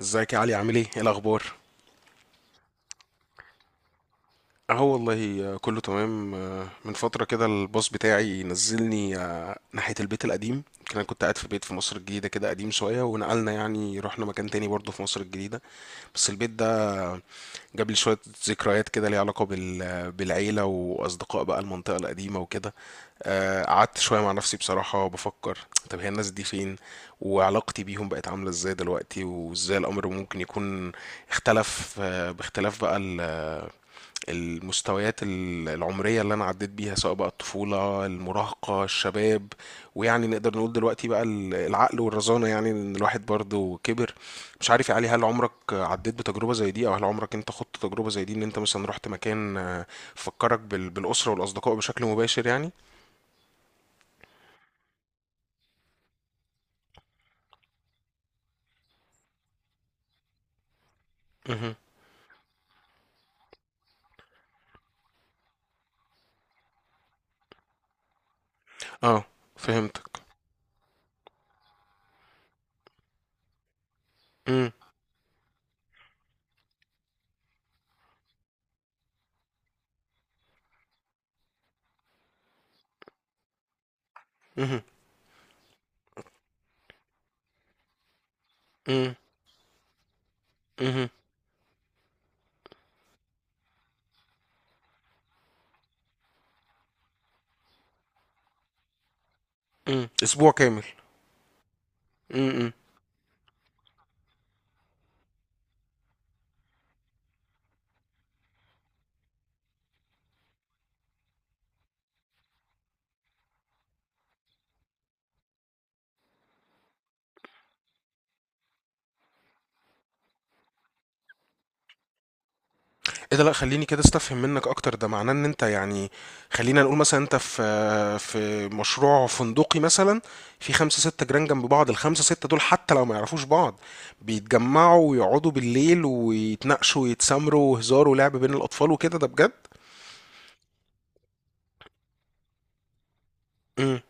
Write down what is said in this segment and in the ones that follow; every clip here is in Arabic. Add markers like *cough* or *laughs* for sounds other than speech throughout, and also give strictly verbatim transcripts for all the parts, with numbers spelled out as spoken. ازيك يا علي؟ عامل ايه ايه الاخبار؟ اهو والله، آه، كله تمام. آه، من فتره كده الباص بتاعي نزلني آه، ناحيه البيت القديم. كان انا كنت قاعد في بيت في مصر الجديده كده قديم شويه، ونقلنا يعني رحنا مكان تاني برضه في مصر الجديده. بس البيت ده جاب لي شويه ذكريات كده، ليها علاقه بال- بالعيله واصدقاء بقى المنطقه القديمه وكده. آه، قعدت شويه مع نفسي بصراحه بفكر، طب هي الناس دي فين؟ وعلاقتي بيهم بقت عامله ازاي دلوقتي؟ وازاي الامر ممكن يكون اختلف، آه، باختلاف بقى المستويات ال- العمرية اللي أنا عديت بيها، سواء بقى الطفولة، المراهقة، الشباب، ويعني نقدر نقول دلوقتي بقى ال- العقل والرزانة، يعني إن الواحد برضه كبر. مش عارف يا علي، هل عمرك عديت بتجربة زي دي؟ أو هل عمرك أنت خضت تجربة زي دي، إن أنت مثلا رحت مكان آه، فكرك بال- بالأسرة والأصدقاء بشكل مباشر يعني؟ مهم. اه، فهمتك. مم. مهم. مم. مهم. مم. أسبوع كامل. مم. ايه ده؟ لا خليني كده استفهم منك اكتر. ده معناه ان انت يعني خلينا نقول مثلا انت في في مشروع فندقي مثلا، في خمسة ستة جيران جنب بعض، الخمسة ستة دول حتى لو ما يعرفوش بعض بيتجمعوا ويقعدوا بالليل ويتناقشوا ويتسامروا وهزار ولعب بين الاطفال وكده؟ ده بجد؟ امم.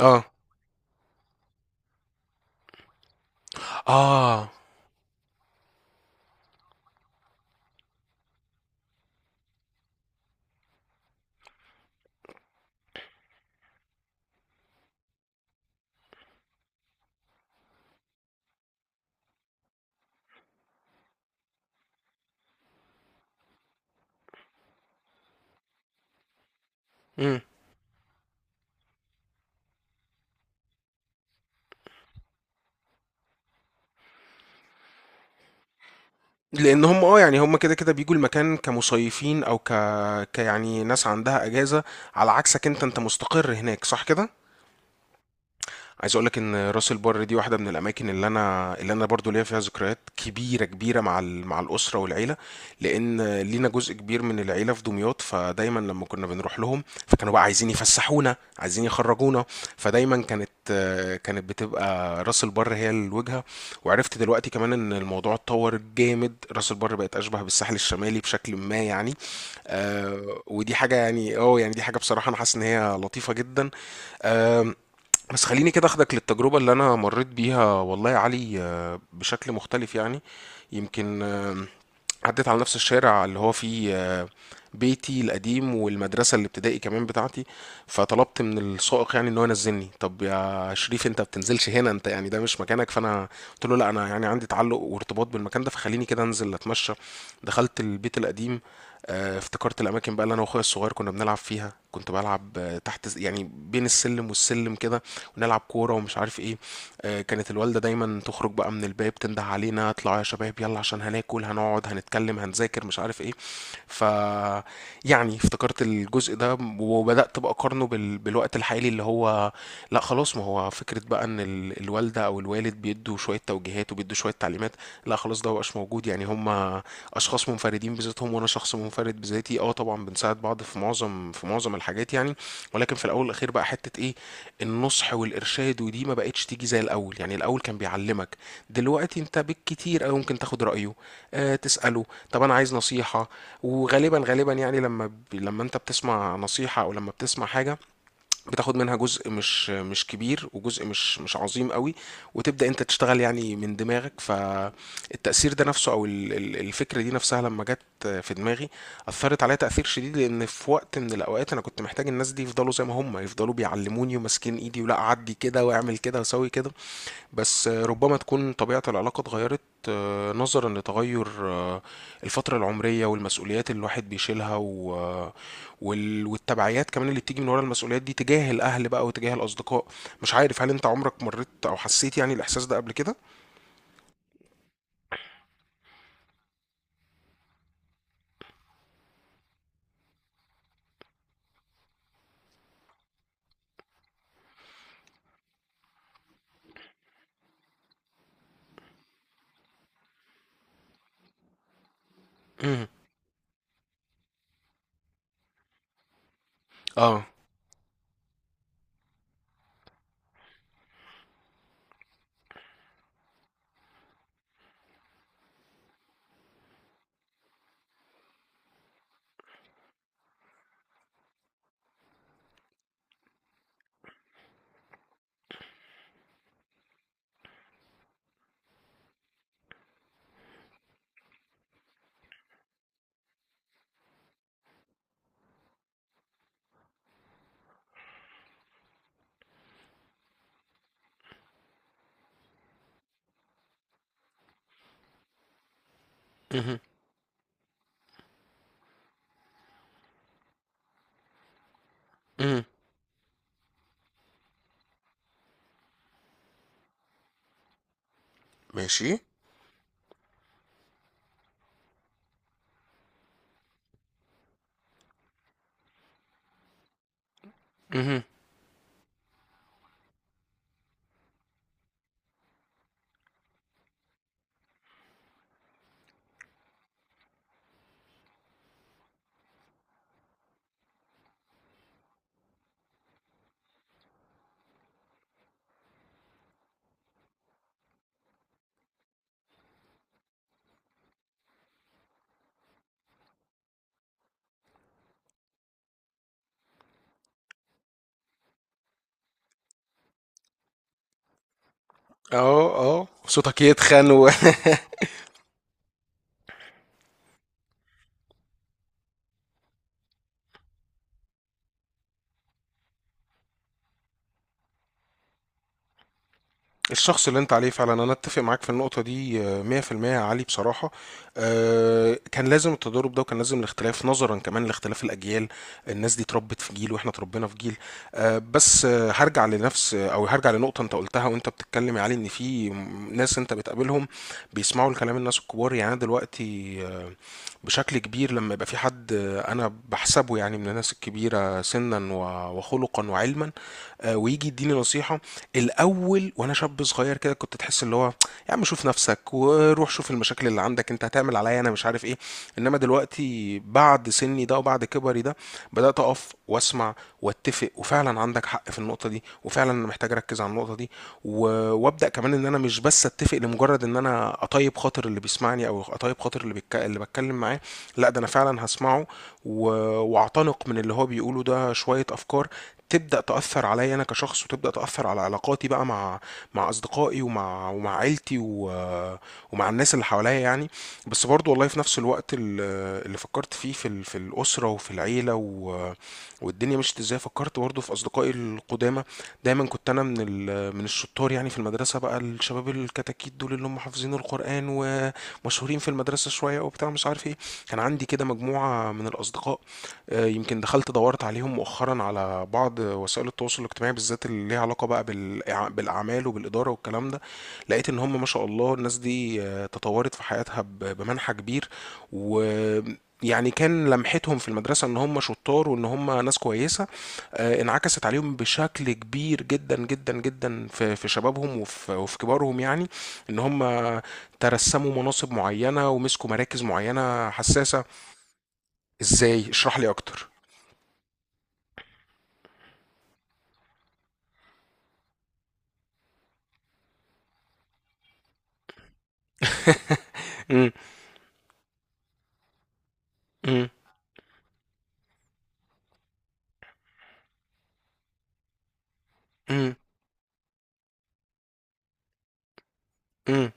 اه. اه. امم. لان هم اه يعني هم كده كده بيجوا المكان كمصيفين او ك... كيعني ناس عندها اجازة، على عكسك انت، انت مستقر هناك صح كده؟ عايز اقول لك ان راس البر دي واحده من الاماكن اللي انا اللي انا برضو ليا فيها ذكريات كبيره كبيره مع ال- مع الاسره والعيله، لان لينا جزء كبير من العيله في دمياط، فدايما لما كنا بنروح لهم فكانوا بقى عايزين يفسحونا، عايزين يخرجونا، فدايما كانت كانت بتبقى راس البر هي الوجهه. وعرفت دلوقتي كمان ان الموضوع اتطور جامد، راس البر بقت اشبه بالساحل الشمالي بشكل ما يعني. آه ودي حاجه يعني اه يعني دي حاجه بصراحه انا حاسس ان هي لطيفه جدا. بس خليني كده اخدك للتجربة اللي انا مريت بيها والله يا علي، آه، بشكل مختلف يعني. يمكن آه، عديت على نفس الشارع اللي هو فيه آه، بيتي القديم والمدرسة الابتدائي كمان بتاعتي، فطلبت من السائق يعني ان هو ينزلني. طب يا شريف انت بتنزلش هنا، انت يعني ده مش مكانك. فانا قلت له لا، انا يعني عندي تعلق وارتباط بالمكان ده، فخليني كده انزل اتمشى. دخلت البيت القديم، آه، افتكرت الاماكن بقى اللي انا واخويا الصغير كنا بنلعب فيها، كنت بلعب آه، تحت س- يعني بين السلم والسلم كده، ونلعب كورة ومش عارف ايه. آه، كانت الوالدة دايما تخرج بقى من الباب تنده علينا، اطلعوا يا شباب يلا، عشان هناكل، هنقعد، هنتكلم، هنذاكر، مش عارف ايه. ف يعني افتكرت الجزء ده، وبدأت بقى اقارنه بال... بالوقت الحالي، اللي هو لا خلاص، ما هو فكرة بقى ان ال... الوالدة او الوالد بيدوا شوية توجيهات وبيدوا شوية تعليمات، التجمعات لا خلاص ده مبقاش موجود يعني. هم اشخاص منفردين بذاتهم، وانا شخص منفرد بذاتي. اه طبعا بنساعد بعض في معظم في معظم الحاجات يعني، ولكن في الاول والاخير بقى حته ايه، النصح والارشاد، ودي ما بقتش تيجي زي الاول. يعني الاول كان بيعلمك، دلوقتي انت بالكتير او ممكن تاخد رايه، آه تساله طب انا عايز نصيحه. وغالبا غالبا يعني لما ب- لما انت بتسمع نصيحه او لما بتسمع حاجه بتاخد منها جزء مش مش كبير، وجزء مش مش عظيم قوي، وتبدأ انت تشتغل يعني من دماغك. فالتأثير ده نفسه او ال- ال- الفكرة دي نفسها لما جت في دماغي أثرت عليا تأثير شديد، لأن في وقت من الأوقات أنا كنت محتاج الناس دي يفضلوا زي ما هم، يفضلوا بيعلموني وماسكين إيدي، ولا أعدي كده وأعمل كده وأسوي كده. بس ربما تكون طبيعة العلاقة اتغيرت، آه، نظرا لتغير آه، الفترة العمرية والمسؤوليات اللي الواحد بيشيلها و... آه، وال... والتبعيات كمان اللي بتيجي من ورا المسؤوليات دي تجاه الأهل بقى وتجاه الأصدقاء. مش عارف هل أنت عمرك مريت أو حسيت يعني الإحساس ده قبل كده؟ مهم. اه. مهم. مهم. ماشي. مهم. اه. اه صوتك يتخن. الشخص اللي انت عليه فعلا، انا اتفق معاك في النقطة دي آه، مية في المية يا علي بصراحة. آه، كان لازم التضارب ده، وكان لازم الاختلاف نظرا كمان لاختلاف الاجيال، الناس دي اتربت في جيل واحنا اتربينا في جيل. آه، بس آه، هرجع لنفس او هرجع لنقطة انت قلتها وانت بتتكلم يا علي، ان في م- ناس انت بتقابلهم بيسمعوا الكلام الناس الكبار. يعني أنا دلوقتي آه، بشكل كبير لما يبقى في حد آه، انا بحسبه يعني من الناس الكبيرة سنا و- وخلقا وعلما آه، ويجي يديني نصيحه، الاول وانا شاب صغير كده كنت تحس اللي هو يا عم شوف نفسك وروح شوف المشاكل اللي عندك، انت هتعمل عليا انا مش عارف ايه. انما دلوقتي بعد سني ده وبعد كبري ده، بدات اقف واسمع واتفق، وفعلا عندك حق في النقطه دي، وفعلا انا محتاج اركز على النقطه دي. و... وابدا كمان ان انا مش بس اتفق لمجرد ان انا اطيب خاطر اللي بيسمعني او اطيب خاطر اللي بيتك... اللي بتكلم معاه، لا ده انا فعلا هسمعه. و... واعتنق من اللي هو بيقوله ده شويه افكار تبدا تاثر عليا انا كشخص، وتبدا تاثر على علاقاتي بقى مع مع اصدقائي ومع ومع عيلتي و... ومع الناس اللي حواليا يعني. بس برضو والله في نفس الوقت ال- اللي فكرت فيه في ال... في الاسره وفي العيله و... والدنيا مشيت ازاي، فكرت برضه في اصدقائي القدامى. دايما كنت انا من ال- من الشطار يعني في المدرسه، بقى الشباب الكتاكيت دول اللي هم حافظين القران ومشهورين في المدرسه شويه وبتاع مش عارف ايه، كان عندي كده مجموعه من الاصدقاء. آه، يمكن دخلت دورت عليهم مؤخرا على بعض وسائل التواصل الاجتماعي، بالذات اللي ليها علاقه بقى بالإع- بالاعمال وبالاداره والكلام ده، لقيت ان هم ما شاء الله الناس دي آه، تطورت في حياتها ب- بمنحى كبير. و يعني كان لمحتهم في المدرسة ان هم شطار وان هم ناس كويسة آه، انعكست عليهم بشكل كبير جدا جدا جدا في في شبابهم وفي وفي كبارهم، يعني ان هم ترسموا مناصب معينة ومسكوا مراكز معينة حساسة. ازاي؟ اشرح لي اكتر. *laughs* مم، مم، مم، مم.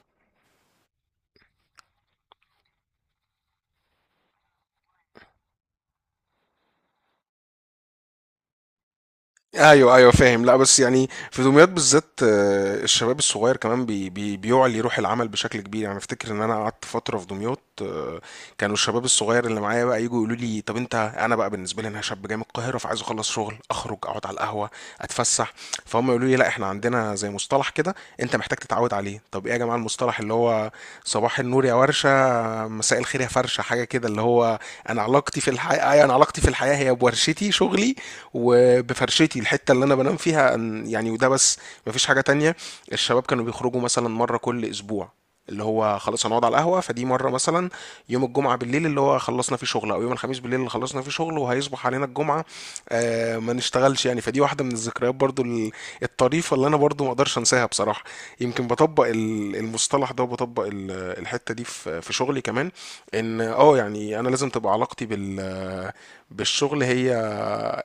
ايوه ايوه فاهم. لا بس يعني في دمياط بالذات آه، الشباب الصغير كمان بي بي بيعلي روح العمل بشكل كبير يعني. افتكر ان انا قعدت فتره في دمياط آه، كانوا الشباب الصغير اللي معايا بقى يجوا يقولوا لي، طب انت، انا بقى بالنسبه لي انا شاب جاي من القاهره، فعايز اخلص شغل اخرج اقعد على القهوه، اتفسح، فهم يقولوا لي لا احنا عندنا زي مصطلح كده انت محتاج تتعود عليه. طب ايه يا جماعه المصطلح؟ اللي هو صباح النور يا ورشه، مساء الخير يا فرشه، حاجه كده اللي هو انا علاقتي في الحياه، انا علاقتي في الحياه هي بورشتي شغلي، وبفرشتي الحته اللي انا بنام فيها أن- يعني، وده بس، مفيش حاجه تانية. الشباب كانوا بيخرجوا مثلا مره كل اسبوع اللي هو خلاص هنقعد على القهوه، فدي مره مثلا يوم الجمعه بالليل اللي هو خلصنا فيه شغل، او يوم الخميس بالليل اللي خلصنا فيه شغل وهيصبح علينا الجمعه آه ما نشتغلش يعني. فدي واحده من الذكريات برضو ال- الطريفه اللي انا برضو ما اقدرش انساها بصراحه. يمكن بطبق ال- المصطلح ده، وبطبق ال- الحته دي في في شغلي كمان، ان اه يعني انا لازم تبقى علاقتي بال بالشغل هي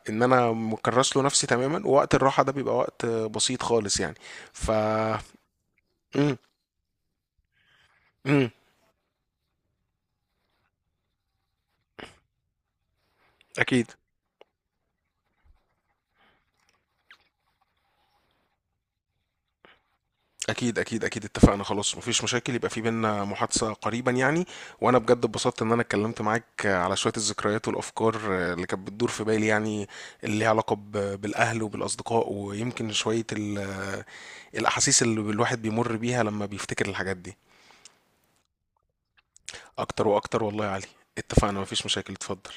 ان انا مكرس له نفسي تماما، ووقت الراحه ده بيبقى وقت بسيط خالص يعني. ف امم. امم. اكيد، اكيد اكيد اكيد اتفقنا، خلاص مفيش مشاكل، يبقى في بينا محادثه قريبا يعني. وانا بجد اتبسطت ان انا اتكلمت معاك على شويه الذكريات والافكار اللي كانت بتدور في بالي، يعني اللي ليها علاقه ب- بالاهل وبالاصدقاء، ويمكن شويه ال- الاحاسيس اللي الواحد بيمر بيها لما بيفتكر الحاجات دي. اكتر واكتر والله يا علي. اتفقنا، مفيش مشاكل، اتفضل.